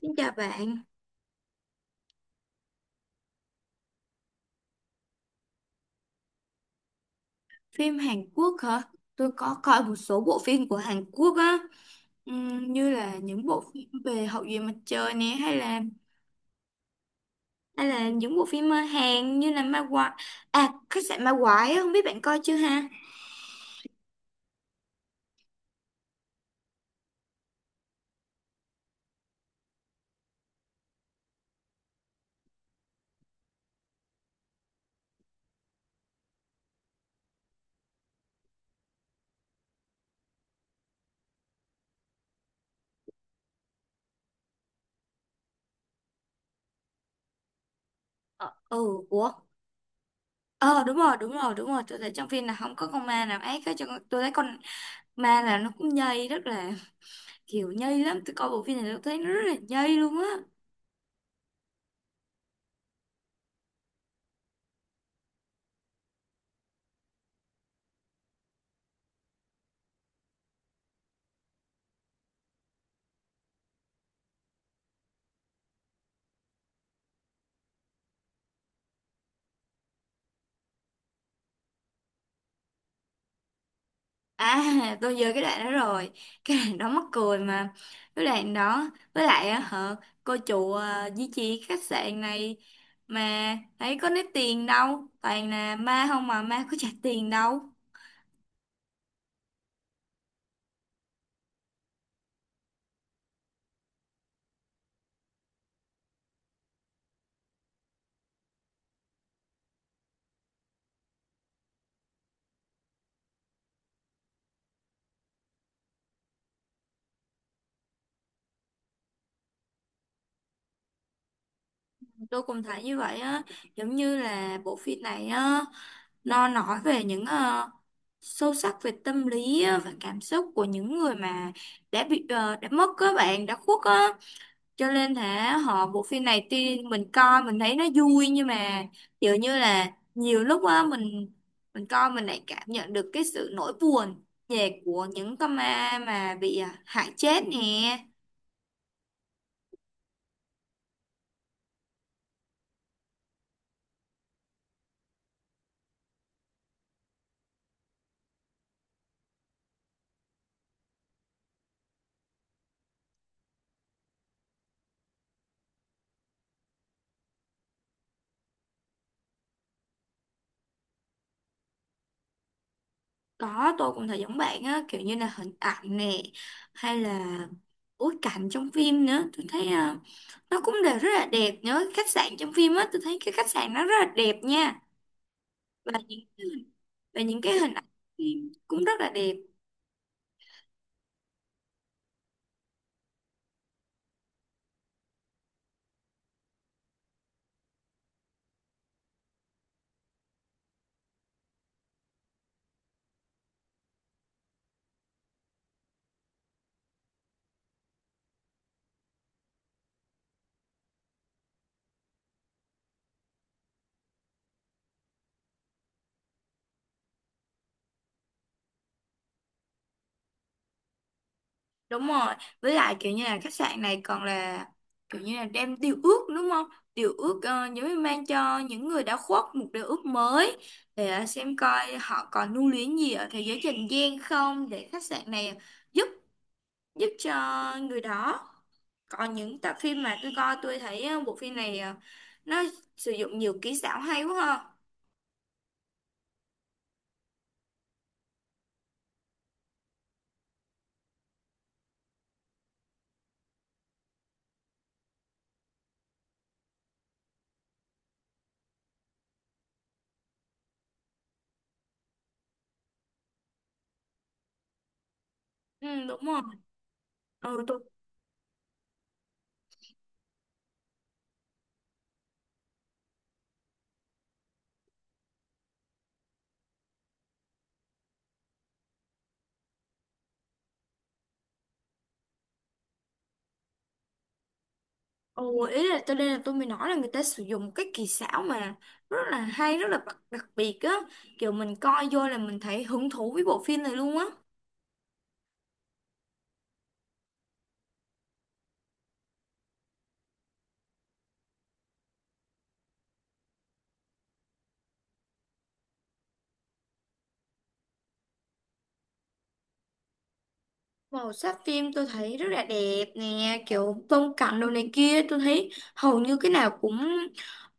Xin chào bạn, phim Hàn Quốc hả? Tôi có coi một số bộ phim của Hàn Quốc á. Như là những bộ phim về Hậu duệ mặt trời nè, hay là những bộ phim Hàn như là Ma Quái, à khách sạn Ma Quái á, không biết bạn coi chưa ha? Ờ, ừ, ủa, ờ đúng rồi, đúng rồi, đúng rồi, tôi thấy trong phim là không có con ma nào ác hết, tôi thấy con ma là nó cũng nhây, rất là kiểu nhây lắm. Tôi coi bộ phim này tôi thấy nó rất là nhây luôn á. À, tôi nhớ cái đoạn đó rồi. Cái đoạn đó mắc cười mà. Cái đoạn đó, với lại á, hả, cô chủ à, duy trì khách sạn này mà thấy có lấy tiền đâu. Toàn là ma không mà ma có trả tiền đâu. Tôi cũng thấy như vậy á, giống như là bộ phim này á, nó nói về những sâu sắc về tâm lý á, và cảm xúc của những người mà đã bị đã mất, các bạn, đã khuất á. Cho nên là họ bộ phim này tuy mình coi mình thấy nó vui, nhưng mà kiểu như là nhiều lúc á mình coi mình lại cảm nhận được cái sự nỗi buồn về của những con ma mà bị hại chết nè. Có, tôi cũng thấy giống bạn á, kiểu như là hình ảnh nè, hay là bối cảnh trong phim nữa, tôi thấy nó cũng đều rất là đẹp nữa. Khách sạn trong phim á, tôi thấy cái khách sạn nó rất là đẹp nha, và những cái hình- và những cái hình ảnh phim cũng rất là đẹp. Đúng rồi, với lại kiểu như là khách sạn này còn là kiểu như là đem điều ước, đúng không? Điều ước giống như mang cho những người đã khuất một điều ước mới để xem coi họ còn lưu luyến gì ở thế giới trần gian không, để khách sạn này giúp giúp cho người đó. Còn những tập phim mà tôi coi, tôi thấy bộ phim này nó sử dụng nhiều kỹ xảo hay quá ha. Ừ, đúng rồi. Ừ, tôi. Ồ, ý là tôi, đây là tôi mới nói là người ta sử dụng cái kỳ xảo mà rất là hay, rất là đặc biệt á. Kiểu mình coi vô là mình thấy hứng thú với bộ phim này luôn á. Màu sắc phim tôi thấy rất là đẹp nè, kiểu tông cảnh đồ này kia. Tôi thấy hầu như cái nào cũng,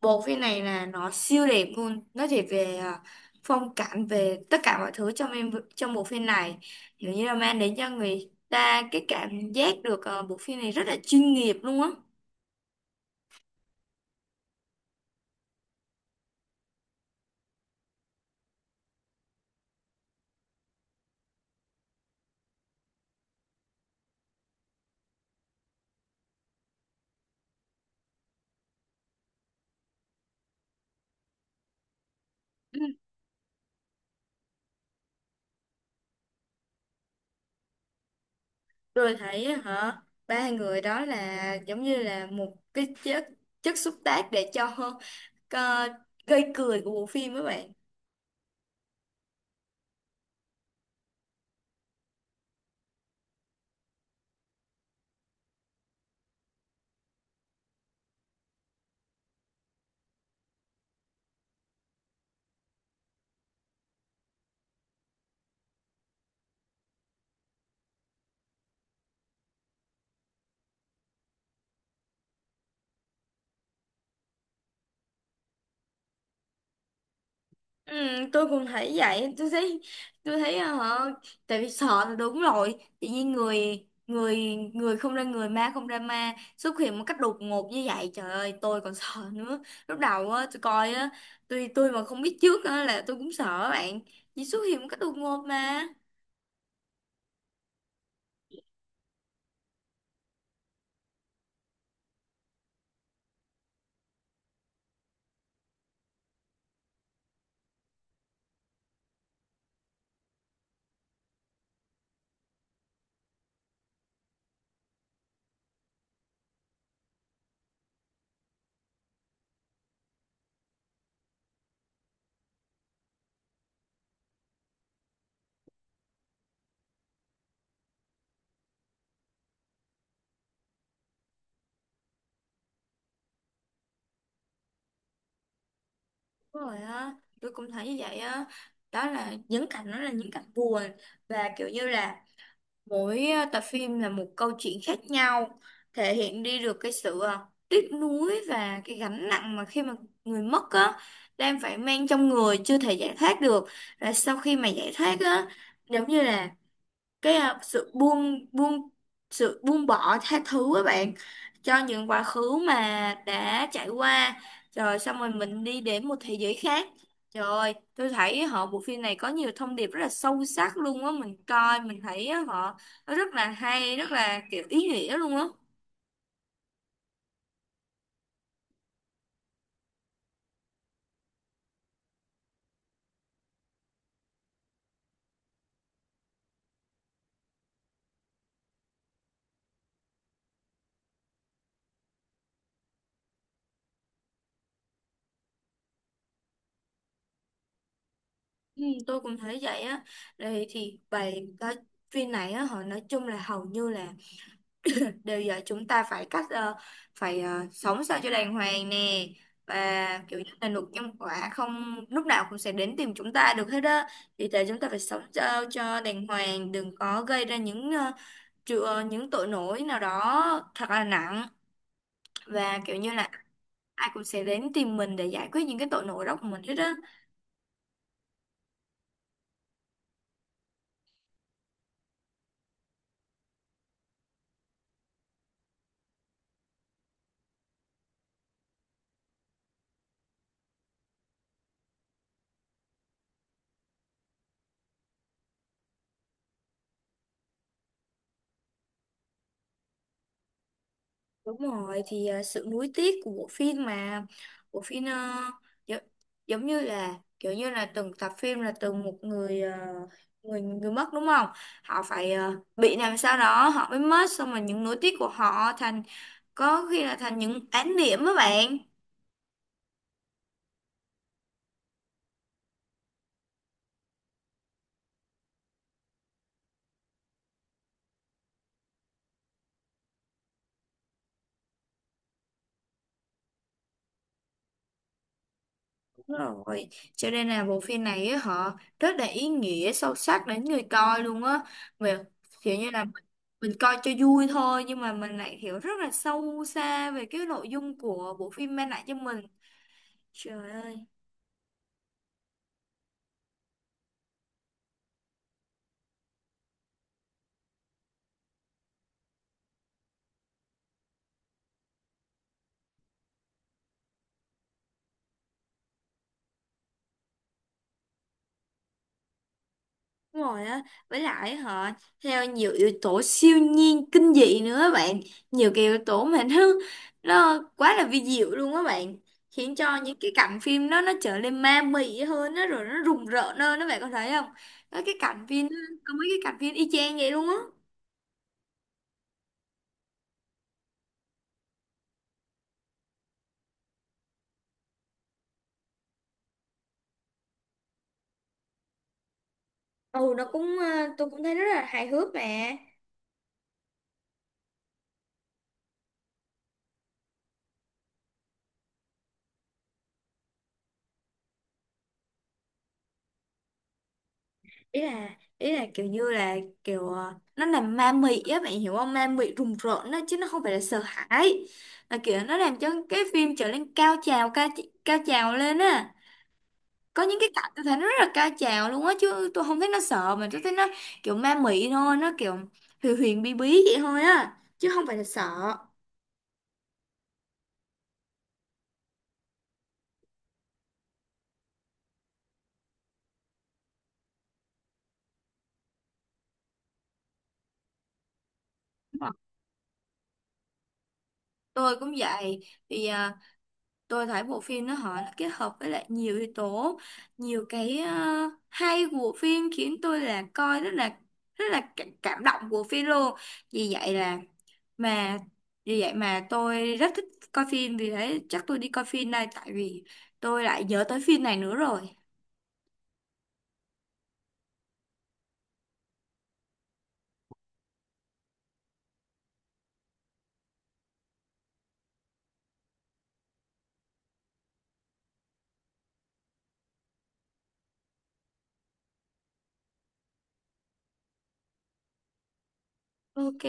bộ phim này là nó siêu đẹp luôn. Nó chỉ về phong cảnh, về tất cả mọi thứ trong em trong bộ phim này. Kiểu như là mang đến cho người ta cái cảm giác được bộ phim này rất là chuyên nghiệp luôn á. Tôi thấy á, hả, ba người đó là giống như là một cái chất, chất xúc tác để cho ờ, gây cười của bộ phim, các bạn. Ừ, tôi cũng thấy vậy, tôi thấy hả, tại vì sợ là đúng rồi. Tự nhiên người người người không ra người, ma không ra ma, xuất hiện một cách đột ngột như vậy, trời ơi tôi còn sợ nữa. Lúc đầu á tôi coi á, tôi mà không biết trước á là tôi cũng sợ bạn, chỉ xuất hiện một cách đột ngột mà. Đúng rồi á, tôi cũng thấy như vậy á. Đó là những cảnh, đó là những cảnh buồn, và kiểu như là mỗi tập phim là một câu chuyện khác nhau, thể hiện đi được cái sự tiếc nuối và cái gánh nặng mà khi mà người mất á đang phải mang trong người chưa thể giải thoát được. Và sau khi mà giải thoát á, giống như là cái à, sự buông buông sự buông bỏ, tha thứ các bạn cho những quá khứ mà đã trải qua, rồi xong rồi mình đi đến một thế giới khác. Trời ơi tôi thấy họ bộ phim này có nhiều thông điệp rất là sâu sắc luôn á, mình coi mình thấy á, họ nó rất là hay, rất là kiểu ý nghĩa luôn á. Ừ, tôi cũng thấy vậy á. Đây thì bài coi phim này á, họ nói chung là hầu như là bây giờ chúng ta phải cách sống sao cho đàng hoàng nè, và kiểu như là nụ nhân quả không lúc nào cũng sẽ đến tìm chúng ta được hết đó. Vì thế chúng ta phải sống sao cho đàng hoàng, đừng có gây ra những ờ, tru- ờ, những tội lỗi nào đó thật là nặng, và kiểu như là ai cũng sẽ đến tìm mình để giải quyết những cái tội lỗi đó của mình hết đó. Đúng rồi, thì sự nuối tiếc của bộ phim mà bộ phim ờ, gi- giống như là kiểu như là từng tập phim là từng một người ờ, người người mất, đúng không? Họ phải bị làm sao đó họ mới mất, xong rồi những nối tiếc của họ thành, có khi là thành những án điểm đó bạn. Đúng rồi, cho nên là bộ phim này á họ rất là ý nghĩa sâu sắc đến người coi luôn á, về kiểu như là mình coi cho vui thôi nhưng mà mình lại hiểu rất là sâu xa về cái nội dung của bộ phim mang lại cho mình, trời ơi. Đúng rồi á, với lại họ theo nhiều yếu tố siêu nhiên, kinh dị nữa á bạn, nhiều cái yếu tố mà nó quá là vi diệu luôn á bạn, khiến cho những cái cảnh phim đó nó trở nên ma mị hơn, nó rồi nó rùng rợn hơn đó, bạn có thấy không? Có cái cảnh phim, có mấy cái cảnh phim y chang vậy luôn á. Ừ nó cũng ờ, tôi cũng thấy rất là hài hước mà. Ý là kiểu như là kiểu nó làm ma mị á, bạn hiểu không, ma mị rùng rợn đó chứ nó không phải là sợ hãi, là kiểu nó làm cho cái phim trở nên cao trào, cao cao trào lên á. Có những cái cảnh tôi thấy nó rất là cao trào luôn á chứ tôi không thấy nó sợ, mà tôi thấy nó kiểu ma mị thôi, nó kiểu huyền huyền bí bí vậy thôi á chứ không phải là sợ. Đúng rồi. Tôi cũng vậy thì tôi thấy bộ phim nó họ nó kết hợp với lại nhiều yếu tố, nhiều cái hay của bộ phim khiến tôi là coi rất là, rất là cảm cảm động của phim luôn. Vì vậy là mà Vì vậy mà tôi rất thích coi phim, vì đấy chắc tôi đi coi phim đây, tại vì tôi lại nhớ tới phim này nữa rồi. Ok.